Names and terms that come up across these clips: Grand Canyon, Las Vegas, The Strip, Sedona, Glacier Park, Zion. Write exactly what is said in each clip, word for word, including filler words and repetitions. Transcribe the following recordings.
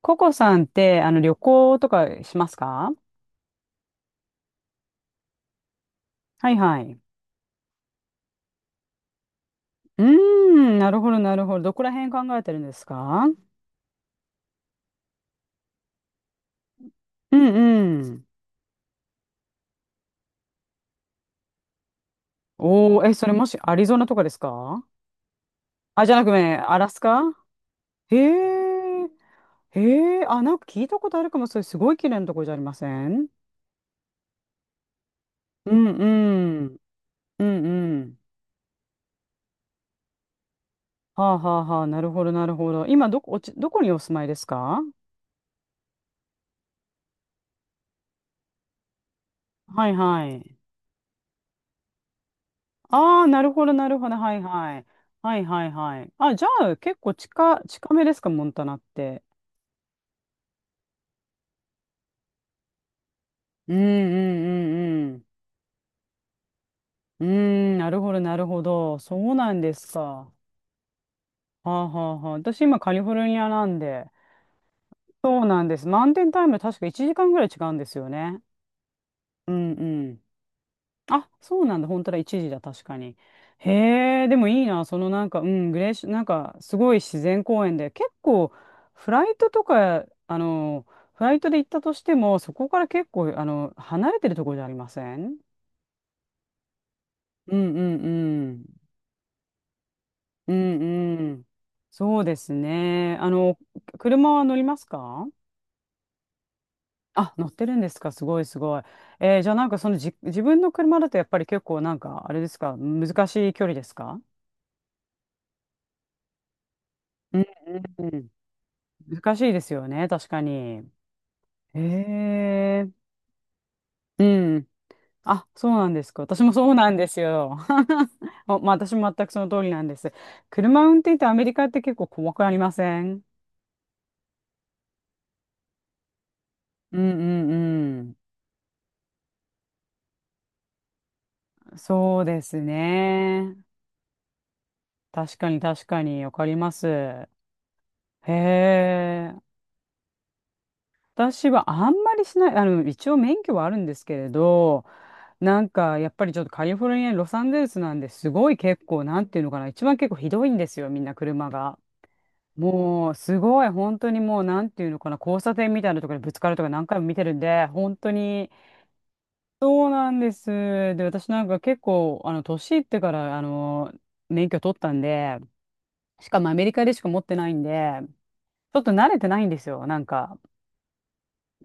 ココさんって、あの、旅行とかしますか？はいはい。うーん、なるほど、なるほど。どこら辺考えてるんですか？うんうん。おー、え、それもしアリゾナとかですか？あ、じゃなくね、アラスカ。へえ、へえ、あ、なんか聞いたことあるかも、それすごい綺麗なとこじゃありません？うんうん、うんうん。はあはあはあ、なるほど、なるほど。今、どこ、おち、どこにお住まいですか？はいはい。ああ、なるほど、なるほど。はいはい。はいはいはい。あ、じゃあ、結構近、近めですか、モンタナって。うんうんうんうん。うーん、なるほど、なるほど。そうなんですか。はあはあはあ。私、今、カリフォルニアなんで。そうなんです。マウンテンタイム、確かいちじかんぐらい違うんですよね。うんうん。あ、そうなんだ。本当だ。一時だ。確かに。へえ、でもいいな。そのなんか、うん、グレーシ、なんか、すごい自然公園で、結構、フライトとか、あの、フライトで行ったとしても、そこから結構、あの、離れてるところじゃありません？うんうんうん。うんうん。そうですね。あの、車は乗りますか？あ、乗ってるんですか。すごいすごい。えーじゃあなんかそのじ、自分の車だとやっぱり結構なんか、あれですか、難しい距離ですか？うんうんうん。難しいですよね、確かに。へえ、うん。あ、そうなんですか。私もそうなんですよ。お、まあ私も全くその通りなんです。車運転ってアメリカって結構細くありません？うんうんうん。そうですね。確かに確かに、わかります。へえ。私はあんまりしない、あの、一応免許はあるんですけれど、なんかやっぱりちょっとカリフォルニア、ロサンゼルスなんですごい結構、なんていうのかな、一番結構ひどいんですよ、みんな車が。もうすごい、本当にもうなんていうのかな、交差点みたいなところにぶつかるとか何回も見てるんで、本当に。そうなんです。で、私なんか結構、あの、年いってから、あの、免許取ったんで、しかもアメリカでしか持ってないんで、ちょっと慣れてないんですよ、なんか。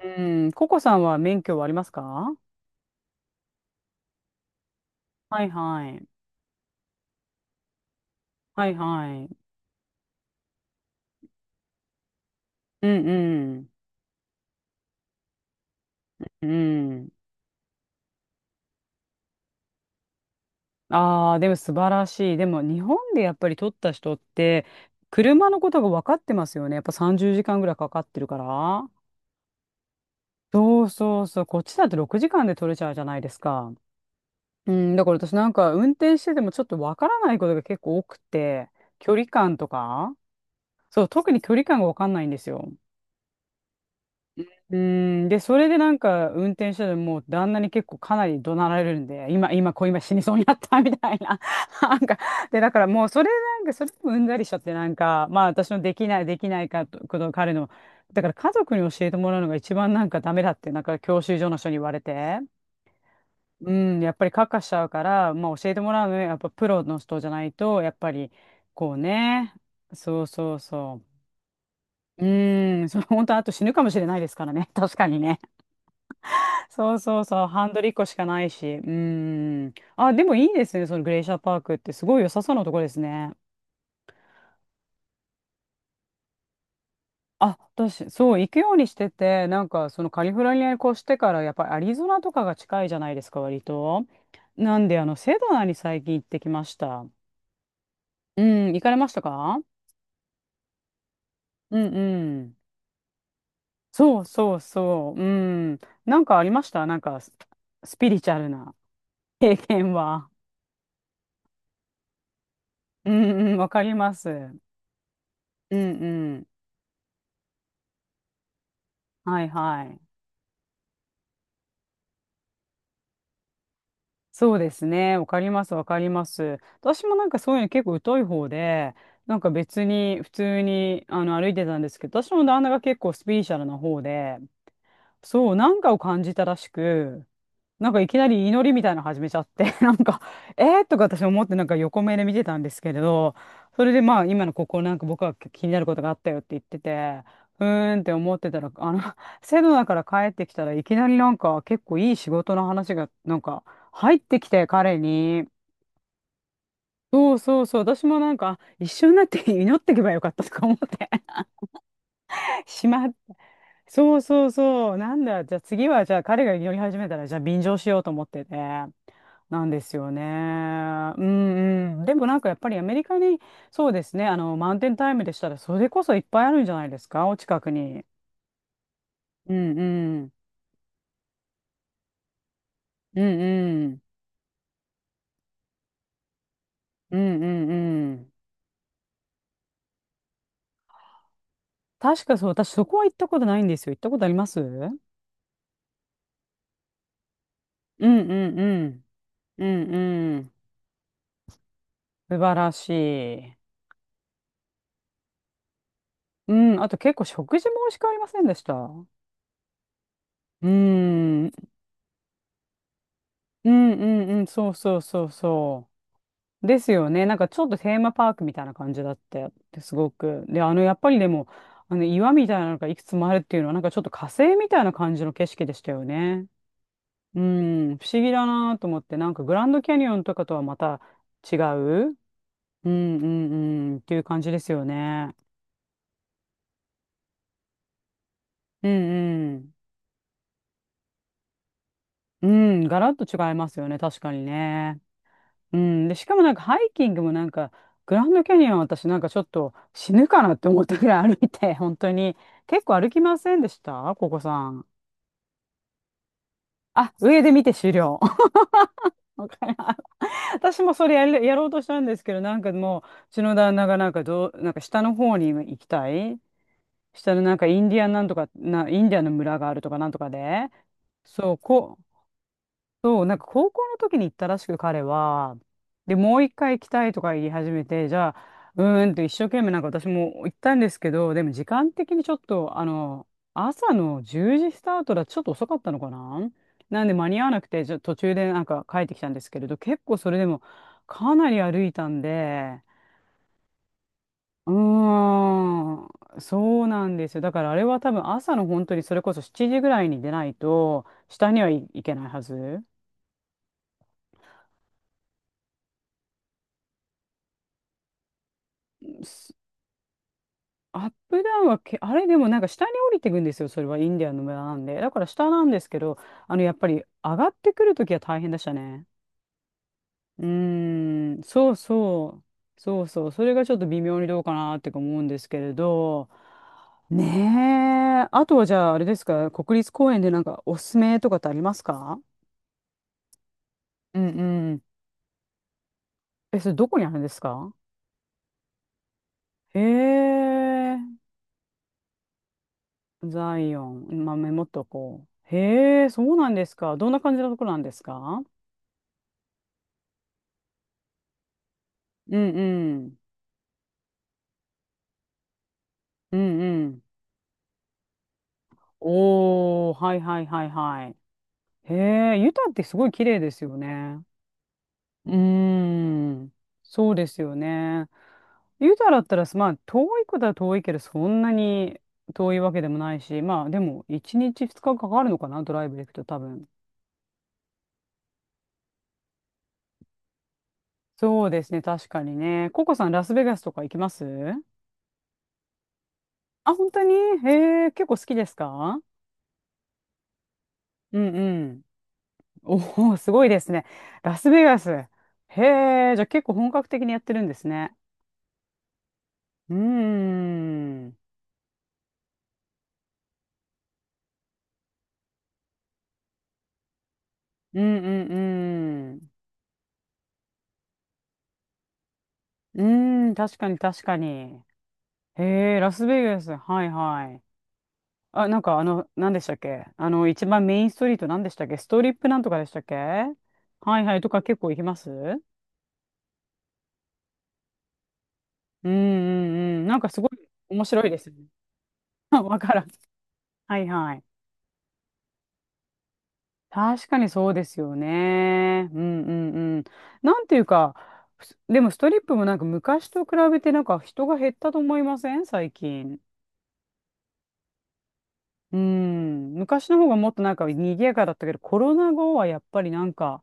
うん、ココさんは免許はありますか？はいはい。はいはい。うんうん。うん。ああ、でも素晴らしい。でも日本でやっぱり取った人って、車のことが分かってますよね。やっぱさんじゅうじかんぐらいかかってるから。そうそうそう。こっちだってろくじかんで取れちゃうじゃないですか。うん。だから私なんか運転しててもちょっと分からないことが結構多くて、距離感とか。そう、特に距離感が分かんないんですよ。うーん、で、それでなんか運転しててもう旦那に結構かなり怒鳴られるんで、今、今、こう今死にそうになった みたいな。なんか、で、だからもうそれなんか、それでもうんざりしちゃってなんか、まあ私のできない、できないかと、こと彼の、だから家族に教えてもらうのが一番なんかダメだって、なんか教習所の人に言われて、うん、やっぱりカッカしちゃうから、まあ教えてもらうのはやっぱプロの人じゃないと、やっぱり、こうね、そうそうそう。うーん、その本当あと死ぬかもしれないですからね、確かにね。そうそうそう、ハンドルいっこしかないし。うーん。あ、でもいいですね、そのグレイシャーパークって、すごい良さそうなとこですね。あ、私、そう、行くようにしてて、なんか、そのカリフォルニアに越してから、やっぱりアリゾナとかが近いじゃないですか、割と。なんで、あの、セドナに最近行ってきました。うん、行かれましたか？うんうん。そうそうそう。うん。なんかありました？なんかス、スピリチュアルな経験は。うんうん、わかります。うんうん。はいはい。そうですね。わかります、わかります。私もなんかそういうの結構疎い方で、なんか別に普通にあの歩いてたんですけど、私の旦那が結構スピリチュアルな方で、そう、なんかを感じたらしく、なんかいきなり祈りみたいなの始めちゃって、なんか、えー、とか私思ってなんか横目で見てたんですけれど、それでまあ今のここなんか僕は気になることがあったよって言ってて、うーんって思ってたら、あの、セドナから帰ってきたらいきなりなんか結構いい仕事の話がなんか入ってきて彼に、そうそうそう、私もなんか一緒になって祈ってけばよかったとか思って、しまっそうそうそう。なんだ。じゃあ次は、じゃあ彼が祈り始めたら、じゃあ便乗しようと思ってて。なんですよね。うんうん。でもなんかやっぱりアメリカに、そうですね。あの、マウンテンタイムでしたら、それこそいっぱいあるんじゃないですか、お近くに。うんうん。うんうん。うんうんうん。確かそう、私そこは行ったことないんですよ。行ったことあります？うんうんうん。うんうん。素晴らしい。うん。あと結構食事も美味しくありませんでした？うん。うんうんうん、そうそうそうそう。ですよね。なんかちょっとテーマパークみたいな感じだって、ですごく。で、あの、やっぱりでも、あの、岩みたいなのがいくつもあるっていうのは、なんかちょっと火星みたいな感じの景色でしたよね。うん、不思議だなと思って、なんかグランドキャニオンとかとはまた違う、うんうんうん、っていう感じですよね。うんうん。うん、ガラッと違いますよね、確かにね。うん、で、しかもなんかハイキングもなんか、グランドキャニオン私なんかちょっと死ぬかなって思ったぐらい歩いて、本当に。結構歩きませんでしたここさん？あ、上で見て終了。わかります。私もそれやる、やろうとしたんですけど、なんかもう、うちの旦那がなんかどう、なんか下の方に行きたい。下のなんかインディアンなんとか、な、インディアンの村があるとかなんとかで。そう、こそう、なんか高校の時に行ったらしく彼は、で、もう一回行きたいとか言い始めて、じゃあ、うーんと一生懸命なんか私も行ったんですけど、でも時間的にちょっと、あの、朝のじゅうじスタートだとちょっと遅かったのかな。なんで間に合わなくて、じゃあ途中でなんか帰ってきたんですけれど、結構それでもかなり歩いたんで、うーん、そうなんですよ。だからあれは多分朝の本当にそれこそしちじぐらいに出ないと、下に、はい、行けないはず。アップダウンはけ、あれでもなんか下に降りていくんですよ、それはインディアンの村なんで。だから下なんですけど、あの、やっぱり上がってくるときは大変でしたね。うーん、そうそう、そうそう、それがちょっと微妙にどうかなってか思うんですけれど、ねえ、あとはじゃああれですか、国立公園でなんかおすすめとかってありますか？うんうん。え、それどこにあるんですか？へえ、ザイオン、まあ、メモっとこう。へえ、そうなんですか。どんな感じのところなんですか？うんうん。うんうん。おー、はいはいはいはい。へえ、ユタってすごい綺麗ですよね。うーん。そうですよね。ユタだったら、まあ、遠いことは遠いけど、そんなに遠いわけでもないし、まあ、でも、いちにちふつかかかかるのかな、ドライブで行くと多分。そうですね、確かにね。ココさん、ラスベガスとか行きます？あ、本当に、へえ、結構好きですか？うんうん。おお、すごいですね。ラスベガス。へえ、じゃあ結構本格的にやってるんですね。うーん。うんうんうん。うーん、確かに確かに。へえ、ラスベガス。はいはい。あ、なんかあの、何でしたっけ、あの、一番メインストリート何でしたっけ、ストリップなんとかでしたっけ、はいはいとか結構行きます？うんうんうん。なんかすごい面白いですよね。わからん。はいはい。確かにそうですよね。うんうんうん。なんていうか、すでもストリップもなんか昔と比べてなんか人が減ったと思いません？最近。うん。昔の方がもっとなんか賑やかだったけど、コロナ後はやっぱりなんか、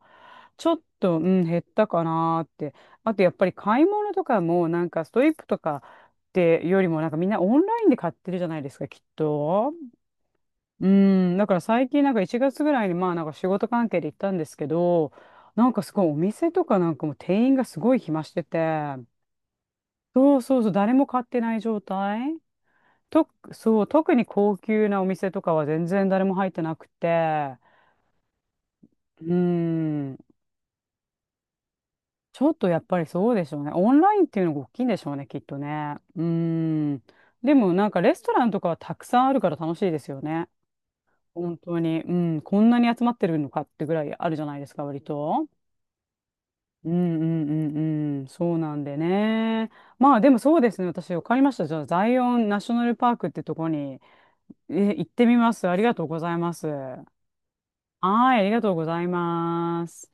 ちょっと、うん、減ったかなーって。あとやっぱり買い物とかもなんかストリップとかってよりもなんかみんなオンラインで買ってるじゃないですか、きっと。うん、だから最近なんかいちがつぐらいにまあなんか仕事関係で行ったんですけど、なんかすごいお店とかなんかもう店員がすごい暇してて、そうそうそう、誰も買ってない状態と、そう、特に高級なお店とかは全然誰も入ってなくて、うん、ちょっとやっぱりそうでしょうね。オンラインっていうのが大きいんでしょうね、きっとね。うん。でもなんかレストランとかはたくさんあるから楽しいですよね。本当に、うん、こんなに集まってるのかってぐらいあるじゃないですか、割と。うんうんうんうん、そうなんでね。まあでもそうですね、私分かりました。じゃあ、ザイオンナショナルパークってとこに、え、行ってみます。ありがとうございます。はい、ありがとうございます。